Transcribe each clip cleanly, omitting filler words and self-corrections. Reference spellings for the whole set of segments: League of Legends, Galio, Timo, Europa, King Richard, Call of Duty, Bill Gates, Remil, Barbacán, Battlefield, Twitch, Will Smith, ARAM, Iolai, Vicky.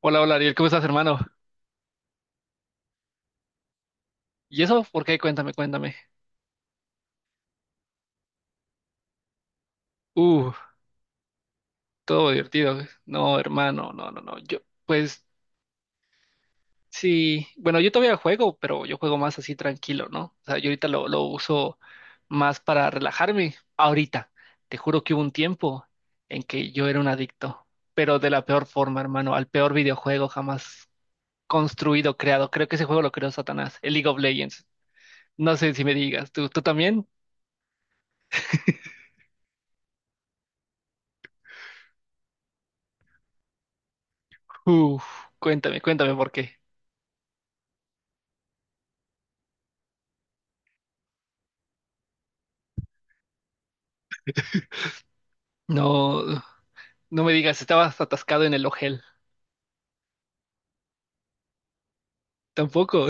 Hola, hola Ariel, ¿cómo estás, hermano? ¿Y eso? ¿Por qué? Cuéntame, cuéntame. Uh, Todo divertido. No, hermano, no, no, no. Yo, pues sí, bueno, yo todavía juego, pero yo juego más así tranquilo, ¿no? O sea, yo ahorita lo uso más para relajarme. Ahorita, te juro que hubo un tiempo en que yo era un adicto, pero de la peor forma, hermano, al peor videojuego jamás construido, creado. Creo que ese juego lo creó Satanás, el League of Legends. No sé si me digas, ¿tú también? Uf, cuéntame, cuéntame por qué. No, no me digas, estabas atascado en el Ojel. Tampoco.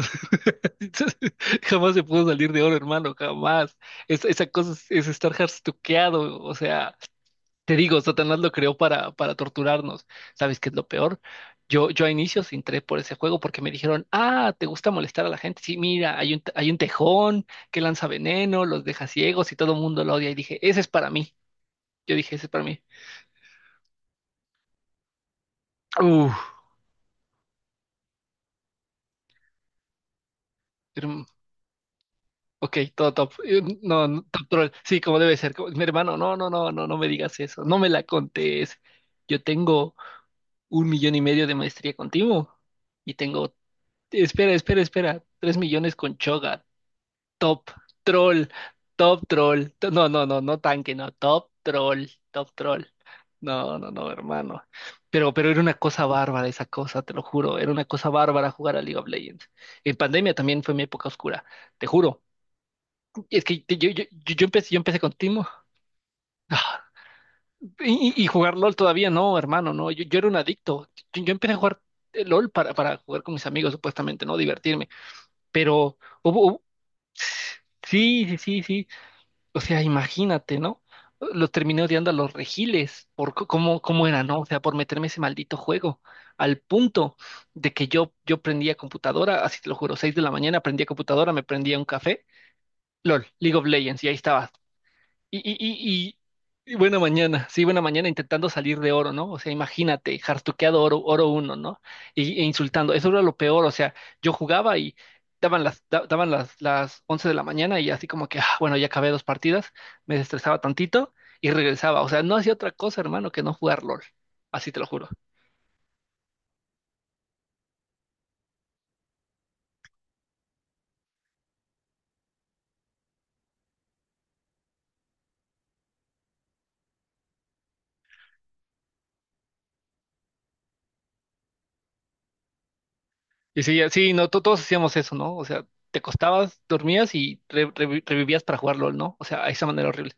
Jamás se pudo salir de oro, hermano, jamás. Esa cosa es estar harstuqueado. O sea, te digo, Satanás lo creó para torturarnos. ¿Sabes qué es lo peor? Yo a inicios entré por ese juego porque me dijeron, ah, ¿te gusta molestar a la gente? Sí, mira, hay un tejón que lanza veneno, los deja ciegos y todo el mundo lo odia. Y dije, ese es para mí. Yo dije, ese es para mí. Uf, ok, todo top. No, no, top troll. Sí, como debe ser. Mi hermano, no, no, no, no, no me digas eso. No me la contés. Yo tengo 1.5 millones de maestría contigo. Y tengo, espera, espera, espera. 3 millones con Choga. Top troll. Top troll. No, no, no, no tanque, no. Top troll. Top troll. No, no, no, hermano. Pero era una cosa bárbara esa cosa, te lo juro. Era una cosa bárbara jugar a League of Legends. En pandemia también fue mi época oscura, te juro. Es que yo empecé con Timo. Ah, Y jugar LOL todavía no, hermano, no. Yo era un adicto. Yo empecé a jugar LOL para jugar con mis amigos, supuestamente, ¿no? Divertirme. Pero hubo, hubo- sí, sí, sí, sí. O sea, imagínate, ¿no? Los terminé odiando a los regiles por cómo era, ¿no? O sea, por meterme ese maldito juego. Al punto de que yo prendía computadora, así te lo juro, 6 de la mañana prendía computadora, me prendía un café, LOL, League of Legends, y ahí estaba. Y, y, y, y buena mañana, sí, buena mañana intentando salir de oro, ¿no? O sea, imagínate, jartuqueado oro, uno, ¿no? E insultando, eso era lo peor, o sea, yo jugaba y daban las 11 de la mañana y así como que, ah, bueno, ya acabé dos partidas, me estresaba tantito y regresaba, o sea, no hacía otra cosa, hermano, que no jugar LOL, así te lo juro. Y sí, sí, no, todos hacíamos eso, ¿no? O sea, te acostabas, dormías y revivías para jugar LOL, ¿no? O sea, a esa manera horrible.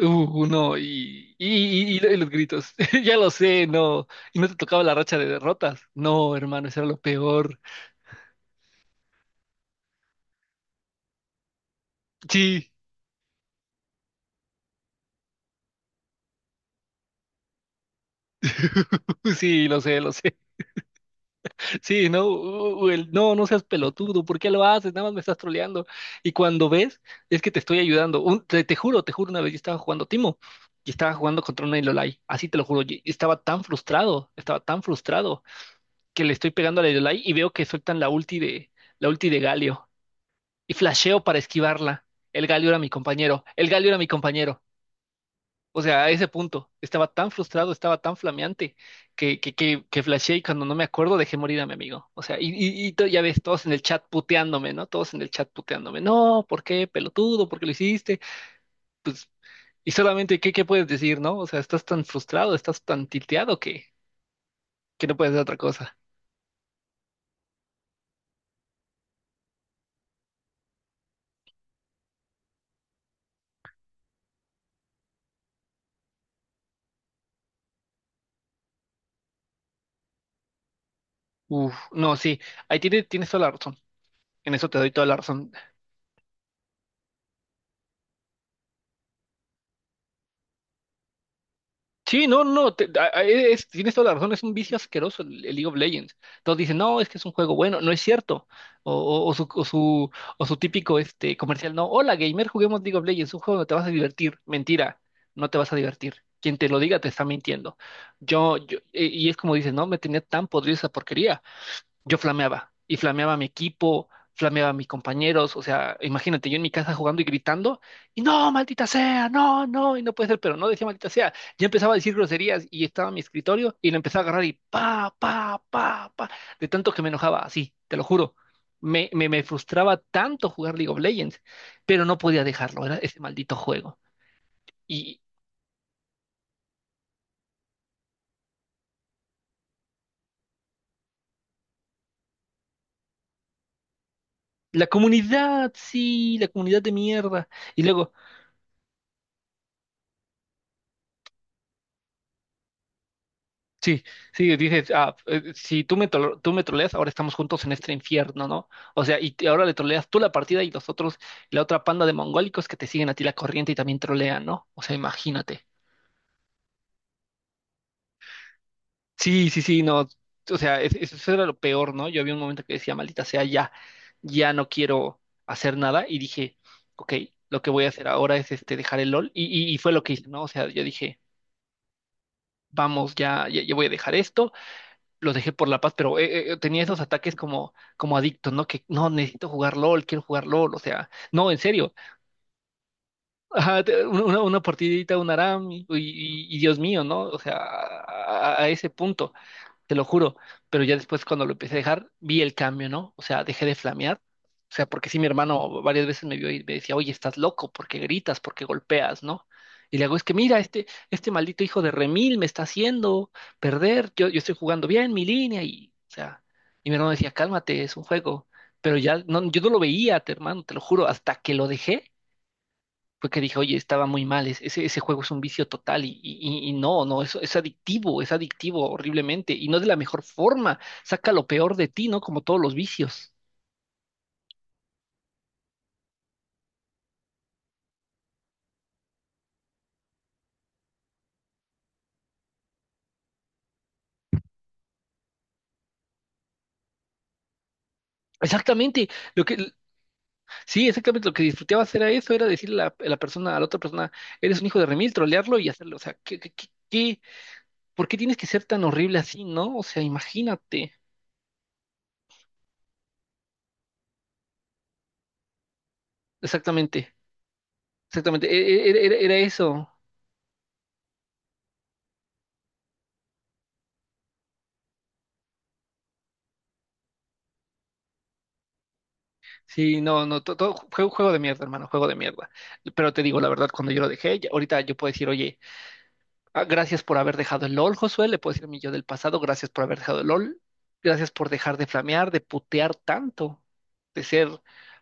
No, y, y los gritos. Ya lo sé, no. Y no te tocaba la racha de derrotas. No, hermano, eso era lo peor. Sí, sí, lo sé, lo sé. Sí, no, no, no seas pelotudo. ¿Por qué lo haces? Nada más me estás troleando. Y cuando ves, es que te estoy ayudando. Te juro, te juro, una vez yo estaba jugando Timo y estaba jugando contra una Iolai. Así te lo juro. Y estaba tan frustrado, estaba tan frustrado que le estoy pegando a la Iolai y veo que sueltan la ulti de Galio. Y flasheo para esquivarla. El Galio era mi compañero, el Galio era mi compañero. O sea, a ese punto, estaba tan frustrado, estaba tan flameante que flasheé y cuando no me acuerdo dejé morir a mi amigo. O sea, ya ves, todos en el chat puteándome, ¿no? Todos en el chat puteándome. No, ¿por qué, pelotudo? ¿Por qué lo hiciste? Pues, y solamente, ¿qué puedes decir, no? O sea, estás tan frustrado, estás tan tilteado que no puedes hacer otra cosa. Uf, no, sí, ahí tienes toda la razón. En eso te doy toda la razón. Sí, no, no, no, tienes toda la razón, es un vicio asqueroso el League of Legends. Todos dicen, no, es que es un juego bueno, no es cierto. O, o- o su, o, su, o su típico este, comercial, no, hola gamer, juguemos League of Legends, un juego donde te vas a divertir. Mentira, no te vas a divertir. Quien te lo diga te está mintiendo. Y es como dices, no, me tenía tan podrida esa porquería yo flameaba y flameaba a mi equipo, flameaba a mis compañeros, o sea, imagínate, yo en mi casa jugando y gritando, y no, maldita sea, no, no, y no puede ser, pero no decía maldita sea, ya empezaba a decir groserías y estaba en mi escritorio y lo empezaba a agarrar y pa, pa, pa, pa, de tanto que me enojaba, así, te lo juro. Me frustraba tanto jugar League of Legends, pero no podía dejarlo, era ese maldito juego. Y la comunidad, sí, la comunidad de mierda. Y luego, sí, sí, dices, ah, si tú me troleas, ahora estamos juntos en este infierno, ¿no? O sea, y ahora le troleas tú la partida y los otros, la otra panda de mongólicos que te siguen a ti la corriente y también trolean, ¿no? O sea, imagínate. Sí, sí, sí, no. O sea, eso era lo peor, ¿no? Yo había un momento que decía, maldita sea, ya, ya no quiero hacer nada y dije, ok, lo que voy a hacer ahora es este, dejar el LOL y fue lo que hice, ¿no? O sea, yo dije, vamos, ya, ya, ya voy a dejar esto lo dejé por la paz, pero tenía esos ataques como, como adicto, ¿no? Que no, necesito jugar LOL, quiero jugar LOL, o sea, no, en serio. Ajá, una partidita, un ARAM, y Dios mío, ¿no? O sea, a ese punto te lo juro. Pero ya después cuando lo empecé a dejar, vi el cambio, ¿no? O sea, dejé de flamear. O sea, porque sí, mi hermano varias veces me vio y me decía, oye, estás loco, porque gritas, porque golpeas, ¿no? Y le hago, es que mira, este maldito hijo de Remil me está haciendo perder, yo estoy jugando bien mi línea y, o sea, y mi hermano decía, cálmate, es un juego. Pero ya, no, yo no lo veía, hermano, te lo juro, hasta que lo dejé fue que dije, oye, estaba muy mal, ese juego es un vicio total y no, no, eso es adictivo horriblemente y no de la mejor forma, saca lo peor de ti, ¿no? Como todos los vicios. Exactamente, lo que, sí, exactamente lo que disfrutaba hacer a eso era decirle a la, persona, a la otra persona, eres un hijo de remil, trolearlo y hacerlo, o sea, por qué tienes que ser tan horrible así, ¿no? O sea, imagínate, exactamente, exactamente, era eso. Sí, no, no, todo, juego, juego de mierda, hermano, juego de mierda. Pero te digo la verdad, cuando yo lo dejé, ahorita yo puedo decir, oye, ah, gracias por haber dejado el LOL, Josué. Le puedo decir a mi yo del pasado, gracias por haber dejado el LOL. Gracias por dejar de flamear, de putear tanto, de ser,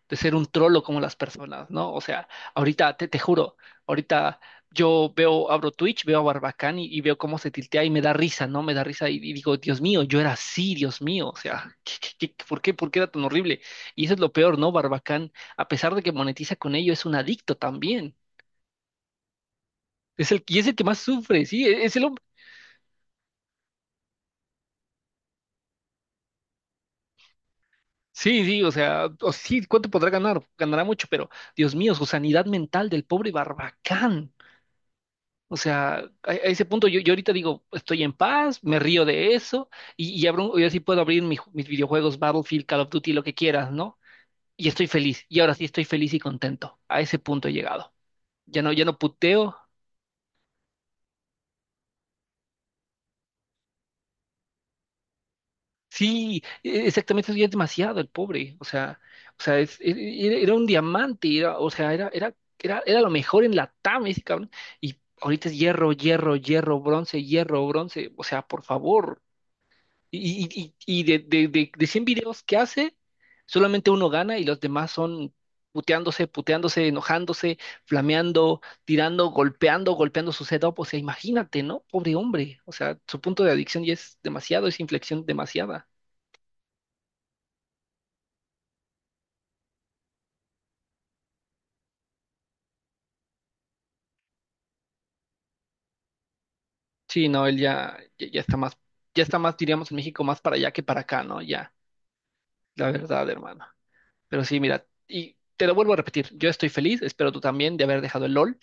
de ser un trolo como las personas, ¿no? O sea, ahorita, te juro, ahorita yo veo, abro Twitch, veo a Barbacán y veo cómo se tiltea y me da risa, ¿no? Me da risa y digo, Dios mío, yo era así, Dios mío. O sea, por qué era tan horrible? Y eso es lo peor, ¿no? Barbacán, a pesar de que monetiza con ello, es un adicto también. Es el, y es el que más sufre, sí, e, es el, sí, sí, o sea, o sí, ¿cuánto podrá ganar? Ganará mucho, pero Dios mío, su sanidad mental del pobre Barbacán. O sea, a ese punto yo ahorita digo, estoy en paz, me río de eso, y abro, yo sí puedo abrir mi mis videojuegos, Battlefield, Call of Duty, lo que quieras, ¿no? Y estoy feliz, y ahora sí estoy feliz y contento. A ese punto he llegado. Ya no, ya no puteo, sí, exactamente, eso ya es demasiado el pobre, o sea, era un diamante, era, o sea, era lo mejor en la TAM ese cabrón, y ahorita es hierro, hierro, hierro, bronce, o sea, por favor, y de 100 videos que hace, solamente uno gana y los demás son puteándose, puteándose, enojándose, flameando, tirando, golpeando, golpeando su setup, o sea, imagínate, ¿no? Pobre hombre, o sea, su punto de adicción ya es demasiado, es inflexión demasiada. Sí, no, él ya, ya, ya está más, diríamos en México, más para allá que para acá, ¿no? Ya, la verdad, hermano. Pero sí, mira, y te lo vuelvo a repetir, yo estoy feliz, espero tú también de haber dejado el LOL.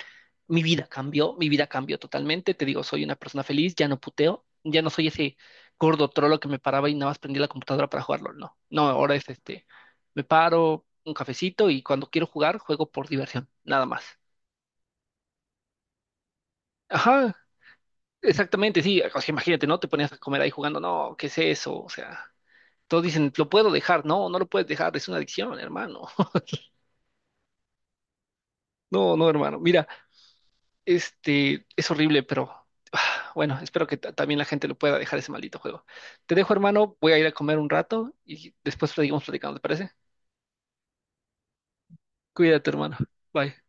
Mi vida cambió totalmente, te digo, soy una persona feliz, ya no puteo, ya no soy ese gordo trolo que me paraba y nada más prendía la computadora para jugar LOL, no. No, ahora es este, me paro, un cafecito y cuando quiero jugar, juego por diversión, nada más. Ajá, exactamente, sí, o sea, imagínate, ¿no? Te ponías a comer ahí jugando, no, ¿qué es eso? O sea... Todos dicen, lo puedo dejar. No, no lo puedes dejar, es una adicción, hermano. No, no, hermano. Mira, este es horrible, pero ah, bueno, espero que también la gente lo pueda dejar ese maldito juego. Te dejo, hermano, voy a ir a comer un rato y después seguimos platicando, ¿te parece? Cuídate, hermano. Bye.